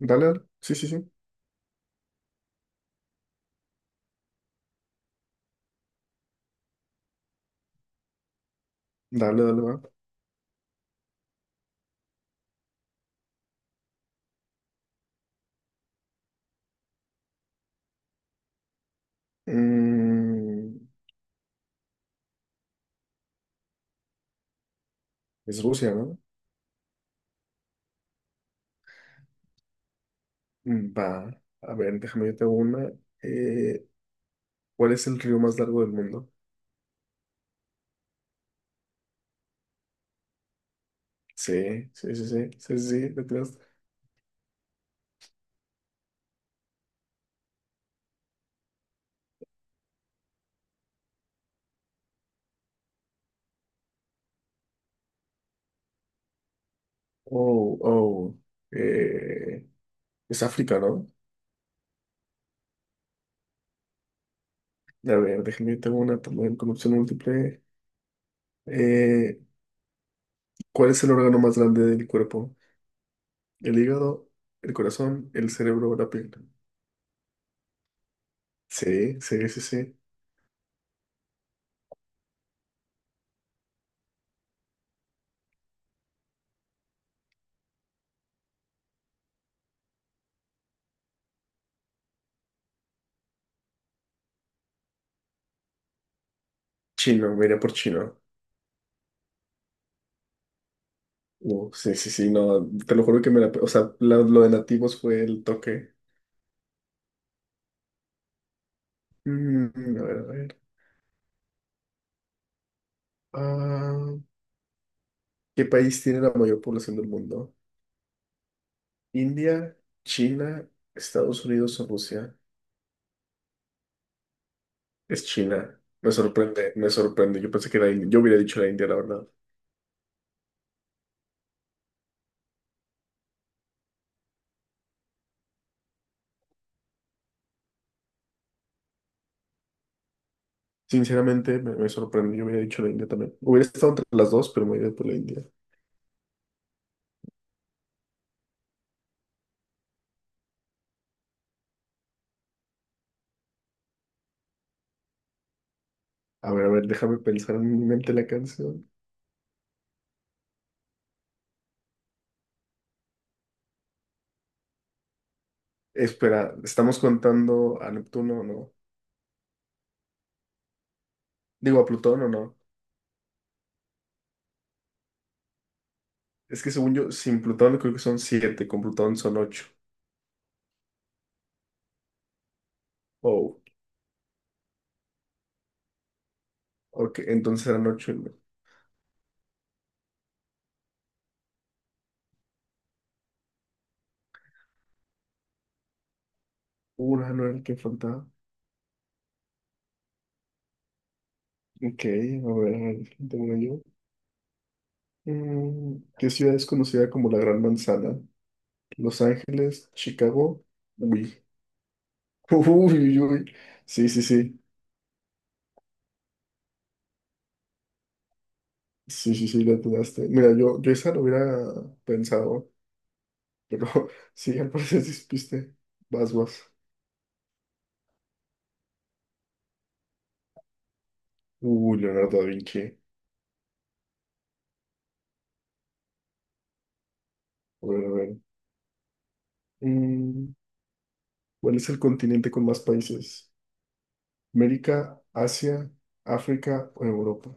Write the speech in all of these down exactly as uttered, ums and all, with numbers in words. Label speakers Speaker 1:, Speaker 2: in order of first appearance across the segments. Speaker 1: Dale, dale. Sí, sí, sí. Dale, dale, va. Mm, es Rusia, ¿no? Mm, va. A ver, déjame yo te hago una. Eh, ¿Cuál es el río más largo del mundo? Sí, sí, sí, sí. Sí, sí, sí, lo creas. Oh, oh. Eh, es África, ¿no? A ver, déjame yo te hago una también con opción múltiple. Eh, ¿Cuál es el órgano más grande del cuerpo? ¿El hígado, el corazón, el cerebro o la piel? Sí, sí, sí, sí. Chino, me iría por chino. Uh, sí, sí, sí, no, te lo juro que me la. O sea, la- lo de nativos fue el toque. Mm, a ver, a ver. Ah, ¿Qué país tiene la mayor población del mundo? ¿India, China, Estados Unidos o Rusia? Es China. Me sorprende, me sorprende. Yo pensé que era India. Yo hubiera dicho la India, la verdad. Sinceramente, me, me sorprende. Yo hubiera dicho la India también. Hubiera estado entre las dos, pero me hubiera ido por la India. A ver, a ver, déjame pensar en mi mente la canción. Espera, ¿estamos contando a Neptuno o no? Digo, a Plutón o no. Es que según yo, sin Plutón creo que son siete, con Plutón son ocho. Oh, ok, entonces eran ocho, ¿no? Urano era el que faltaba. Ok, a ver, a ver, tengo una yo. Mm, ¿qué ciudad es conocida como la Gran Manzana? Los Ángeles, Chicago. Uy, uy, uy, uy. Sí, sí, sí. Sí, sí, sí, la dudaste. Mira, yo, yo esa lo hubiera pensado, pero sí, al parecer despiste. Vas, vas. Uy, Leonardo da Vinci. A ver, a ver. Mm, ¿Cuál es el continente con más países? América, Asia, África o Europa.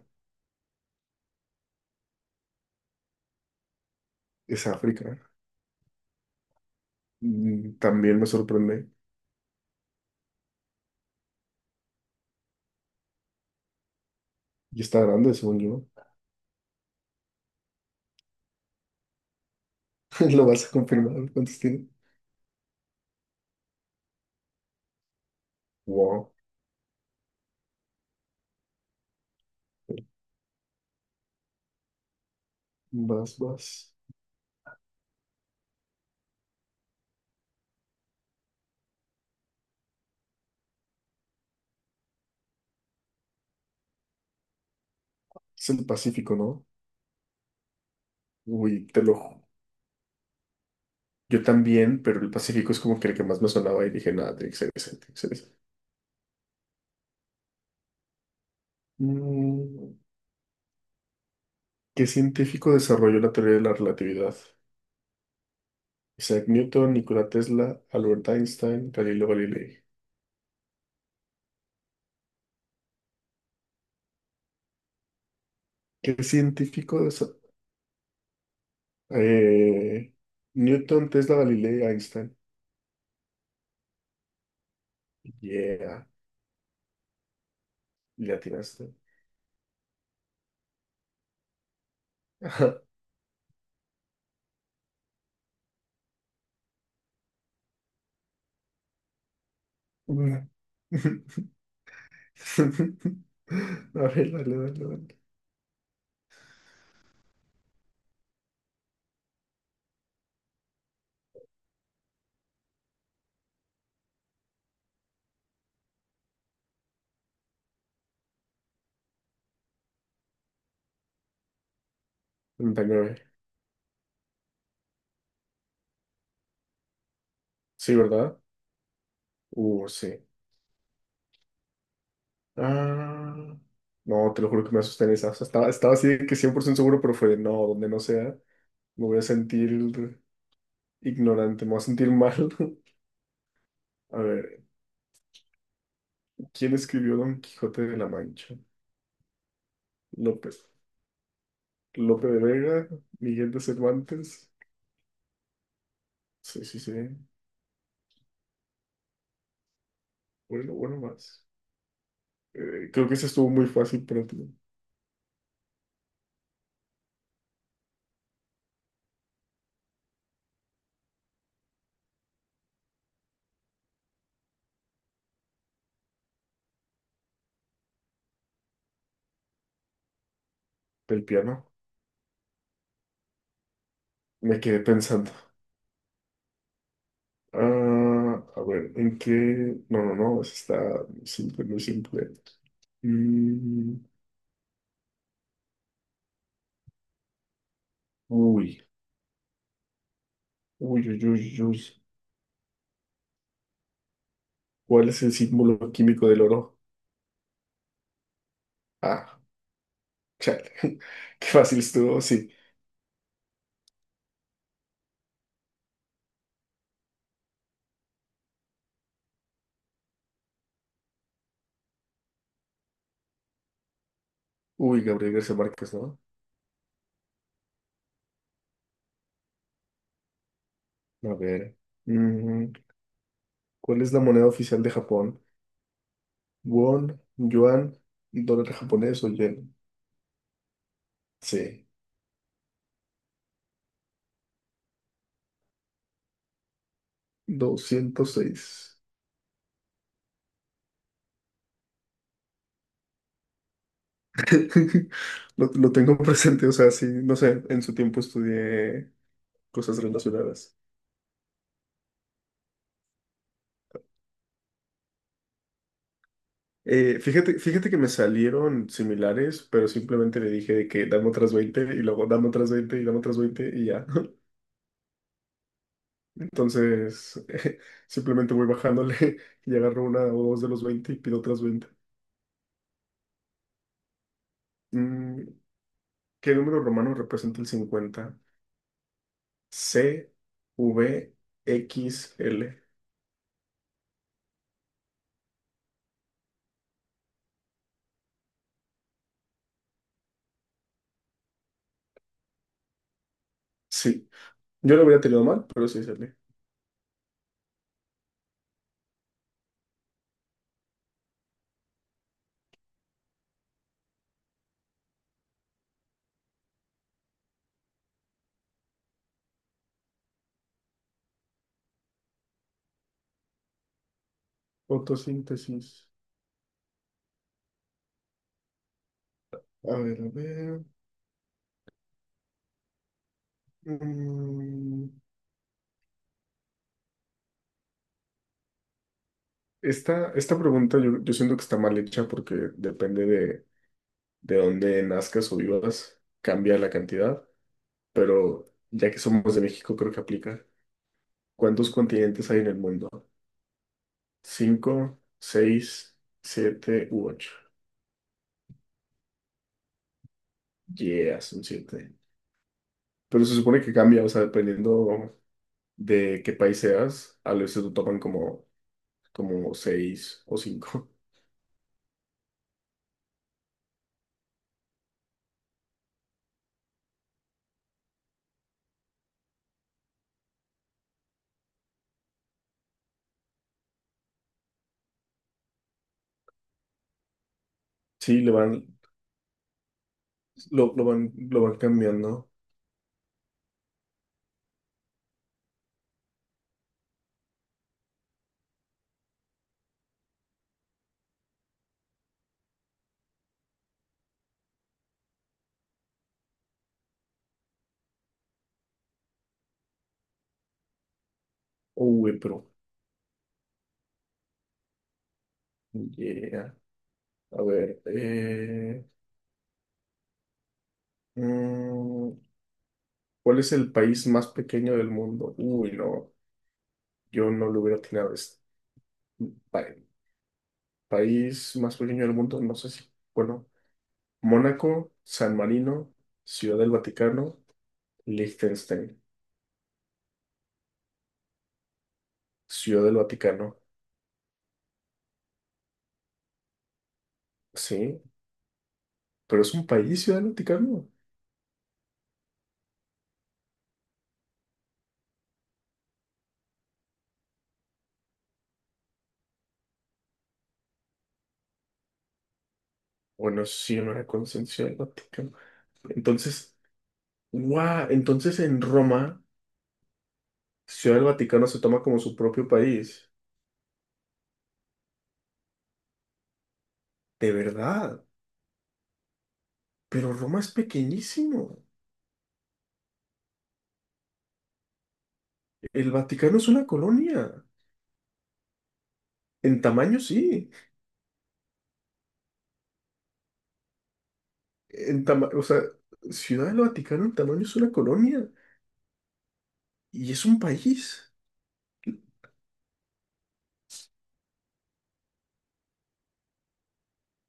Speaker 1: Es África. Mm, También me sorprende. Y está grande, según yo. Lo vas a confirmar. ¿Cuántos tiene? Wow. Más, más. Es el Pacífico, ¿no? Uy, te lo ju- Yo también, pero el Pacífico es como que el que más me sonaba y dije, nada, tiene que ser ese, tiene que ser ese. Mm, ¿Qué científico desarrolló la teoría de la relatividad? Isaac Newton, Nikola Tesla, Albert Einstein, Galileo Galilei. ¿Qué científicos? Eh, Newton, Tesla, Galileo y Einstein. Yeah, le atinaste. Ajá. Una. A ver, dale, dale, dale. treinta y nueve. Sí, ¿verdad? Uh, sí. Ah, no, te lo juro que me asusté en esa. O sea, estaba, estaba así de que cien por ciento seguro, pero fue, de, no, donde no sea, me voy a sentir ignorante, me voy a sentir mal. A ver, ¿quién escribió Don Quijote de la Mancha? López. Lope de Vega, Miguel de Cervantes. Sí, sí, sí. Bueno, bueno, más. Eh, creo que ese estuvo muy fácil para ti. Del piano. Me quedé pensando. Ah, a ver, ¿en qué? No, no, no, ese está muy simple, muy simple. Mm, Uy, uy, uy, uy, uy. ¿Cuál es el símbolo químico del oro? Ah, Chale. Qué fácil estuvo, sí. Uy, Gabriel García Márquez, ¿no? A ver. mm, ¿Cuál es la moneda oficial de Japón? Won, yuan, dólar japonés o yen. Sí, doscientos seis. Lo, lo tengo presente, o sea, sí, no sé, en su tiempo estudié cosas relacionadas. Eh, fíjate, fíjate que me salieron similares, pero simplemente le dije de que dame otras veinte y luego dame otras veinte y dame otras veinte y ya. Entonces, simplemente voy bajándole y agarro una o dos de los veinte y pido otras veinte. Mm, ¿Qué número romano representa el cincuenta? C, V, X, L. Sí, yo lo hubiera tenido mal, pero sí sale. Fotosíntesis. A ver, a ver. Mm, Esta, esta pregunta yo, yo siento que está mal hecha porque depende de, de dónde nazcas o vivas, cambia la cantidad, pero ya que somos de México, creo que aplica. ¿Cuántos continentes hay en el mundo? Cinco, seis, siete u ocho. Yeah, son siete. Pero se supone que cambia, o sea, dependiendo de qué país seas, a veces lo toman como, como seis o cinco. Sí, le van, lo, lo van, lo van cambiando. Uy, pero, yeah. A ver, eh, mm, ¿cuál es el país más pequeño del mundo? Uy, no, yo no lo hubiera atinado. Es, pa- país más pequeño del mundo, no sé si, bueno, Mónaco, San Marino, Ciudad del Vaticano, Liechtenstein, Ciudad del Vaticano, sí, pero es un país, Ciudad del Vaticano. Bueno, sí, no era conciencia del Vaticano. Entonces, guau, entonces en Roma, Ciudad del Vaticano se toma como su propio país. De verdad. Pero Roma es pequeñísimo. El Vaticano es una colonia. En tamaño, sí. En tama- o sea, Ciudad del Vaticano en tamaño es una colonia. Y es un país.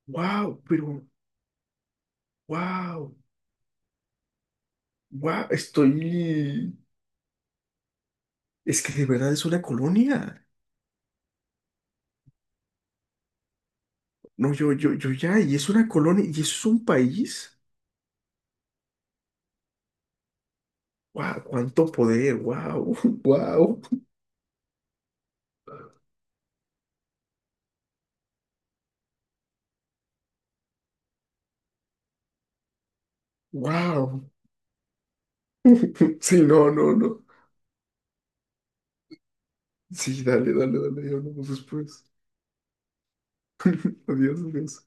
Speaker 1: Wow, pero wow, wow, estoy. Es que de verdad es una colonia. No, yo, yo, yo ya, y es una colonia, y eso es un país. Wow, cuánto poder, wow, wow, wow. Sí, no, no, no. Sí, dale, dale, dale, ya hablamos después. Adiós, adiós.